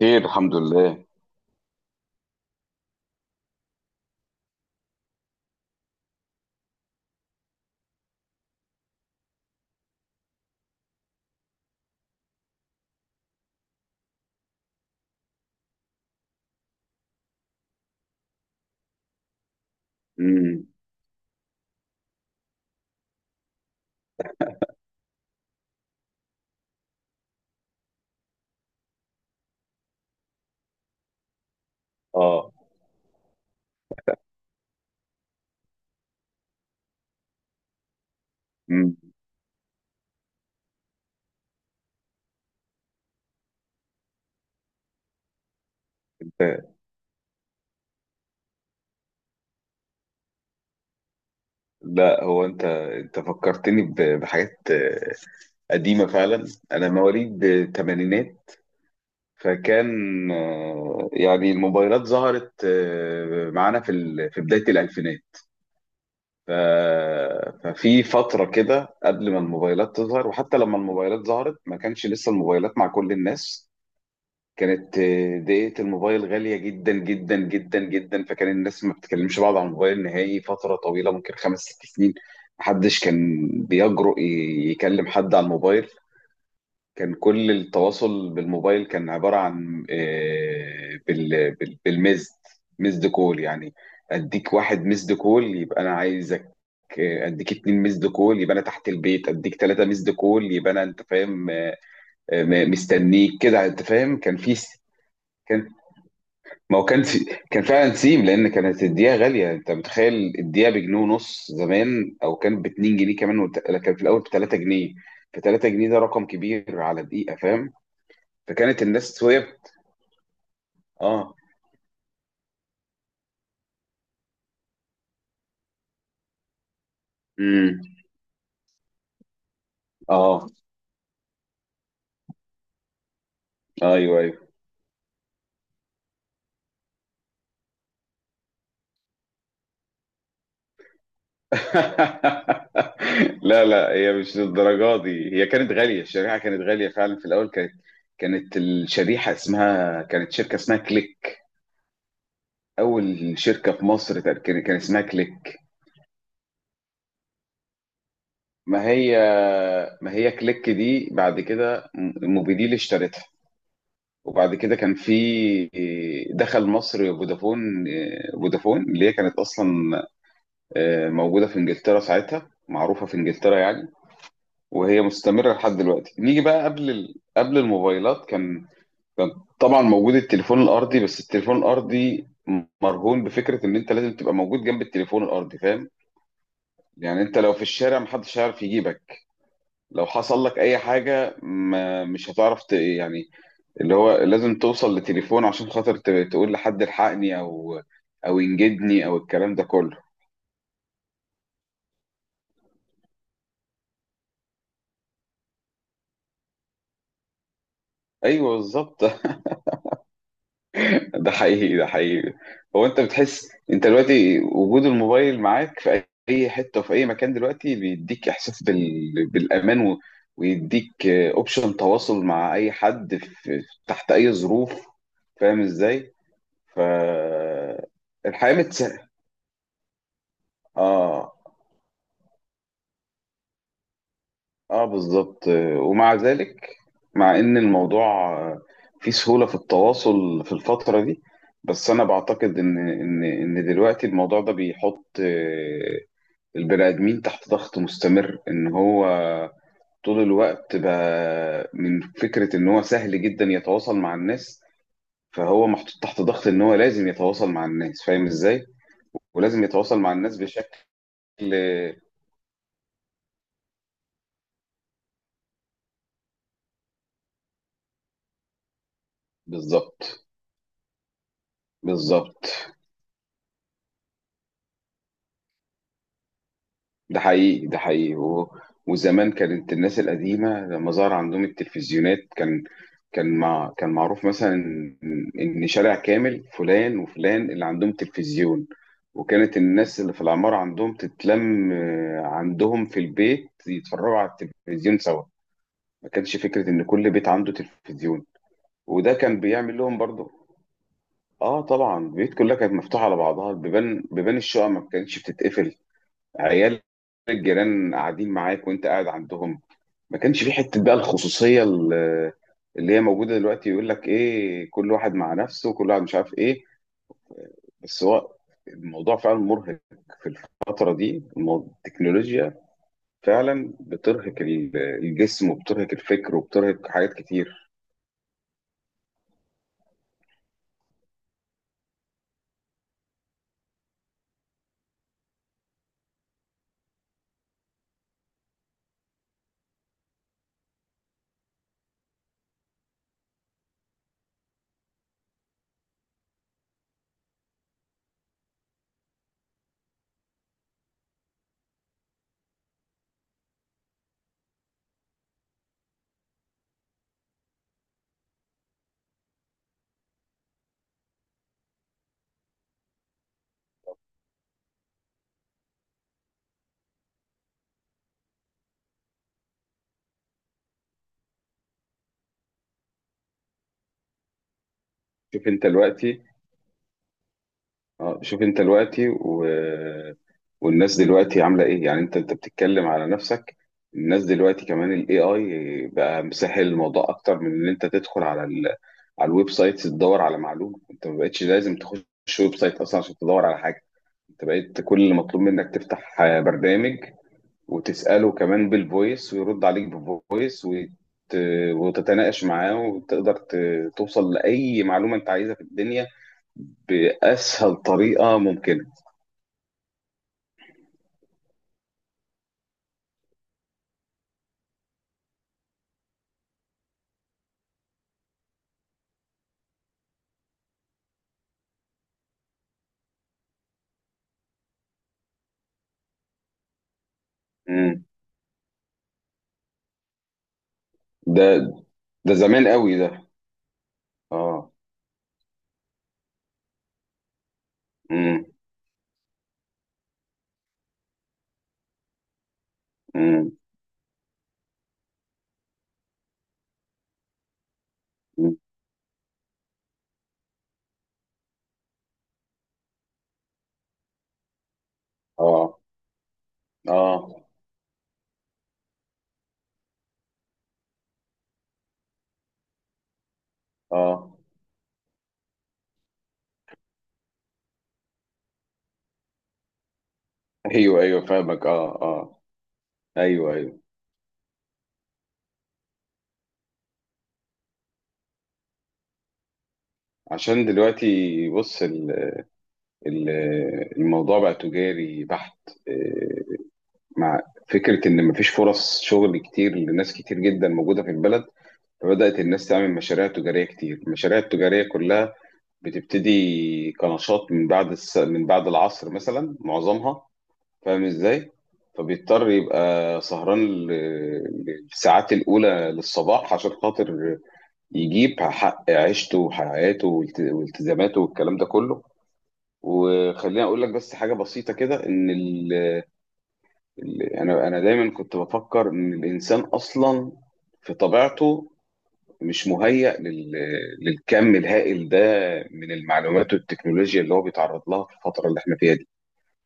خير، الحمد لله. امم اه. امم لا، هو انت فكرتني بحاجات قديمه فعلا. انا مواليد الثمانينات، فكان يعني الموبايلات ظهرت معانا في بدايه الالفينات. ف- ففي فتره كده قبل ما الموبايلات تظهر، وحتى لما الموبايلات ظهرت ما كانش لسه الموبايلات مع كل الناس. كانت دقيقة الموبايل غالية جدا جدا جدا جدا، فكان الناس ما بتكلمش بعض على الموبايل نهائي فترة طويلة، ممكن خمس ست سنين. محدش كان بيجرؤ يكلم حد على الموبايل. كان كل التواصل بالموبايل كان عبارة عن آه، بال- بال- بالمزد مزد كول يعني. اديك واحد مزد كول يبقى انا عايزك، اديك اتنين مزد كول يبقى انا تحت البيت، اديك تلاتة مزد كول يبقى انا... انت فاهم؟ مستنيك كده. انت فاهم؟ كان في... ما هو كان فعلا سيم، لان كانت الدقيقه غاليه. انت متخيل؟ الدقيقه بجنيه ونص زمان، او كان ب 2 جنيه كمان، كان في الاول ب 3 جنيه. ف 3 جنيه ده رقم كبير على دقيقه، فاهم؟ فكانت الناس وهي... اه. امم اه. ايوه، ايوه. لا، لا، هي مش للدرجه دي. هي كانت غاليه، الشريحه كانت غاليه فعلا في الاول. كانت... كانت الشريحه اسمها... كانت شركه اسمها كليك. اول شركه في مصر كان اسمها كليك. ما هي ما هي كليك دي بعد كده موبيديل اشترتها. وبعد كده كان في... دخل مصر فودافون. فودافون اللي هي كانت اصلا موجوده في انجلترا ساعتها، معروفه في انجلترا يعني، وهي مستمره لحد دلوقتي. نيجي بقى قبل الموبايلات. كان طبعا موجود التليفون الارضي، بس التليفون الارضي مرهون بفكره ان انت لازم تبقى موجود جنب التليفون الارضي، فاهم؟ يعني انت لو في الشارع محدش هيعرف يجيبك. لو حصل لك اي حاجه ما مش هتعرف يعني اللي هو لازم توصل لتليفون عشان خاطر تقول لحد الحقني، او ينجدني، او الكلام ده كله. ايوه، بالظبط. ده حقيقي، ده حقيقي. هو انت بتحس انت دلوقتي وجود الموبايل معاك في اي حته وفي اي مكان دلوقتي بيديك احساس بالامان، و... ويديك اوبشن تواصل مع اي حد في... تحت اي ظروف. فاهم ازاي؟ ف الحياه متسهله. اه، اه، بالظبط. ومع ذلك، مع ان الموضوع فيه سهولة في التواصل في الفترة دي، بس انا بعتقد ان دلوقتي الموضوع ده بيحط البني ادمين تحت ضغط مستمر ان هو طول الوقت بقى من فكرة ان هو سهل جدا يتواصل مع الناس. فهو محطوط تحت ضغط ان هو لازم يتواصل مع الناس، فاهم ازاي؟ ولازم يتواصل مع الناس بشكل... بالظبط، بالظبط. ده حقيقي، ده حقيقي و... وزمان كانت الناس القديمة لما ظهر عندهم التلفزيونات كان... كان معروف مثلا إن شارع كامل فلان وفلان اللي عندهم تلفزيون، وكانت الناس اللي في العمارة عندهم تتلم عندهم في البيت يتفرجوا على التلفزيون سوا. ما كانش فكرة إن كل بيت عنده تلفزيون. وده كان بيعمل لهم برضه... اه طبعا، البيوت كلها كانت مفتوحة على بعضها. بيبان الشقق ما كانتش بتتقفل. عيال الجيران قاعدين معاك وانت قاعد عندهم. ما كانش في حته بقى الخصوصيه اللي هي موجوده دلوقتي يقول لك ايه، كل واحد مع نفسه، كل واحد مش عارف ايه. بس هو الموضوع فعلا مرهق في الفتره دي. التكنولوجيا فعلا بترهق الجسم، وبترهق الفكر، وبترهق حاجات كتير. شوف انت دلوقتي... اه شوف انت دلوقتي و... والناس دلوقتي عامله ايه. يعني انت بتتكلم على نفسك. الناس دلوقتي كمان الاي اي بقى مسهل الموضوع اكتر من ان انت تدخل على الويب سايت تدور على معلومه. انت ما بقتش لازم تخش ويب سايت اصلا عشان تدور على حاجه. انت بقيت كل اللي مطلوب منك تفتح برنامج وتساله كمان بالفويس، ويرد عليك بالفويس، وت... وتتناقش معاه، وتقدر توصل لاي معلومه انت عايزها في الدنيا باسهل طريقه ممكنه. مم. ده ده زمان قوي ده. اه. مم. مم. مم. اه، اه، اه. ايوه، ايوه، فاهمك. اه، اه. ايوه، ايوه. عشان دلوقتي بص... ال- الموضوع بقى تجاري بحت، آه، مع فكره ان مفيش فرص شغل كتير لناس كتير جدا موجوده في البلد. فبدات الناس تعمل مشاريع تجاريه كتير. المشاريع التجاريه كلها بتبتدي كنشاط من بعد العصر مثلا معظمها، فاهم ازاي؟ فبيضطر يبقى سهران للساعات الأولى للصباح عشان خاطر يجيب حق عيشته وحياته والتزاماته والكلام ده كله. وخليني أقول لك بس حاجة بسيطة كده إن أنا دايما كنت بفكر إن الإنسان أصلا في طبيعته مش مهيأ للكم الهائل ده من المعلومات والتكنولوجيا اللي هو بيتعرض لها في الفترة اللي احنا فيها دي.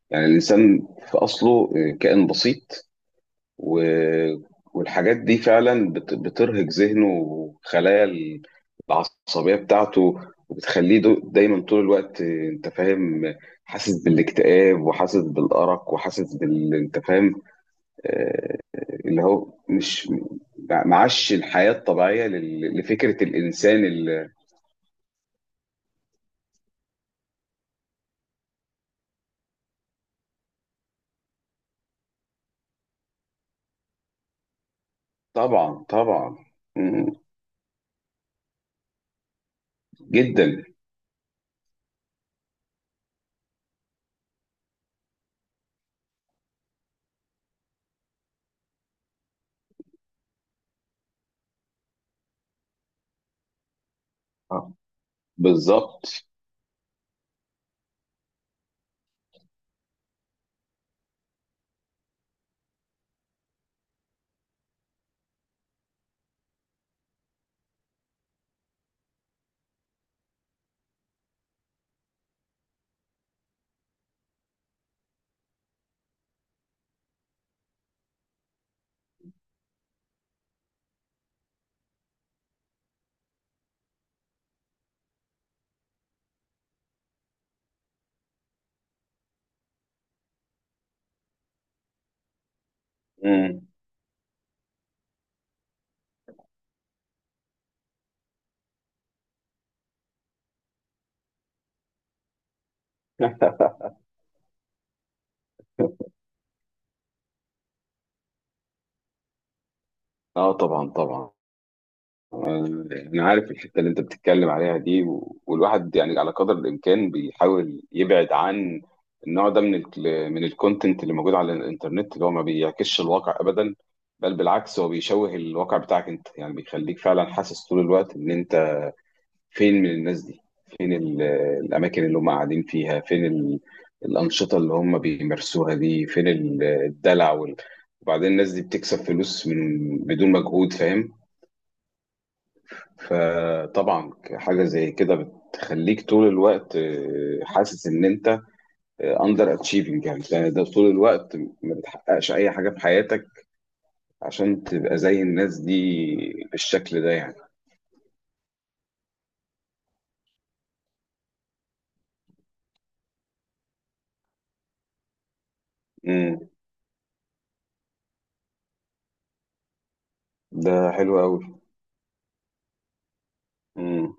يعني الإنسان في أصله كائن بسيط، و... والحاجات دي فعلا بترهق ذهنه وخلايا العصبية بتاعته، وبتخليه دايما طول الوقت انت فاهم، حاسس بالاكتئاب، وحاسس بالأرق، وحاسس بال... انت فاهم. اللي هو مش معاش الحياة الطبيعية لل... لفكرة الإنسان اللي... طبعا، طبعا. مم. جدا. آه، بالظبط. مم. اه طبعا، طبعا. انا عارف الحته اللي انت بتتكلم عليها دي. والواحد يعني على قدر الامكان بيحاول يبعد عن النوع ده من ال... من الكونتنت اللي موجود على الانترنت، اللي هو ما بيعكسش الواقع ابدا. بل بالعكس هو بيشوه الواقع بتاعك انت، يعني بيخليك فعلا حاسس طول الوقت ان انت فين من الناس دي، فين الاماكن اللي هم قاعدين فيها، فين الانشطه اللي هم بيمارسوها دي، فين الدلع وبعدين الناس دي بتكسب فلوس من بدون مجهود، فاهم؟ فطبعا حاجة زي كده بتخليك طول الوقت حاسس ان انت اندر اتشيفنج يعني. ده طول الوقت ما بتحققش اي حاجة في حياتك عشان تبقى زي الناس دي، بالشكل ده يعني. امم ده حلو قوي. امم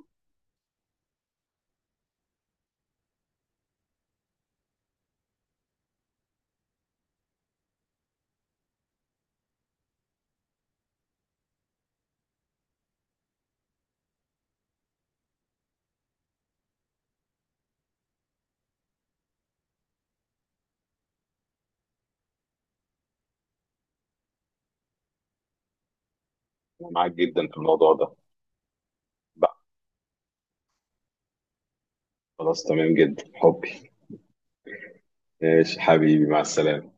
معاك جدا في الموضوع ده. بقى... خلاص، تمام جدا حبي. ماشي حبيبي، مع السلامة.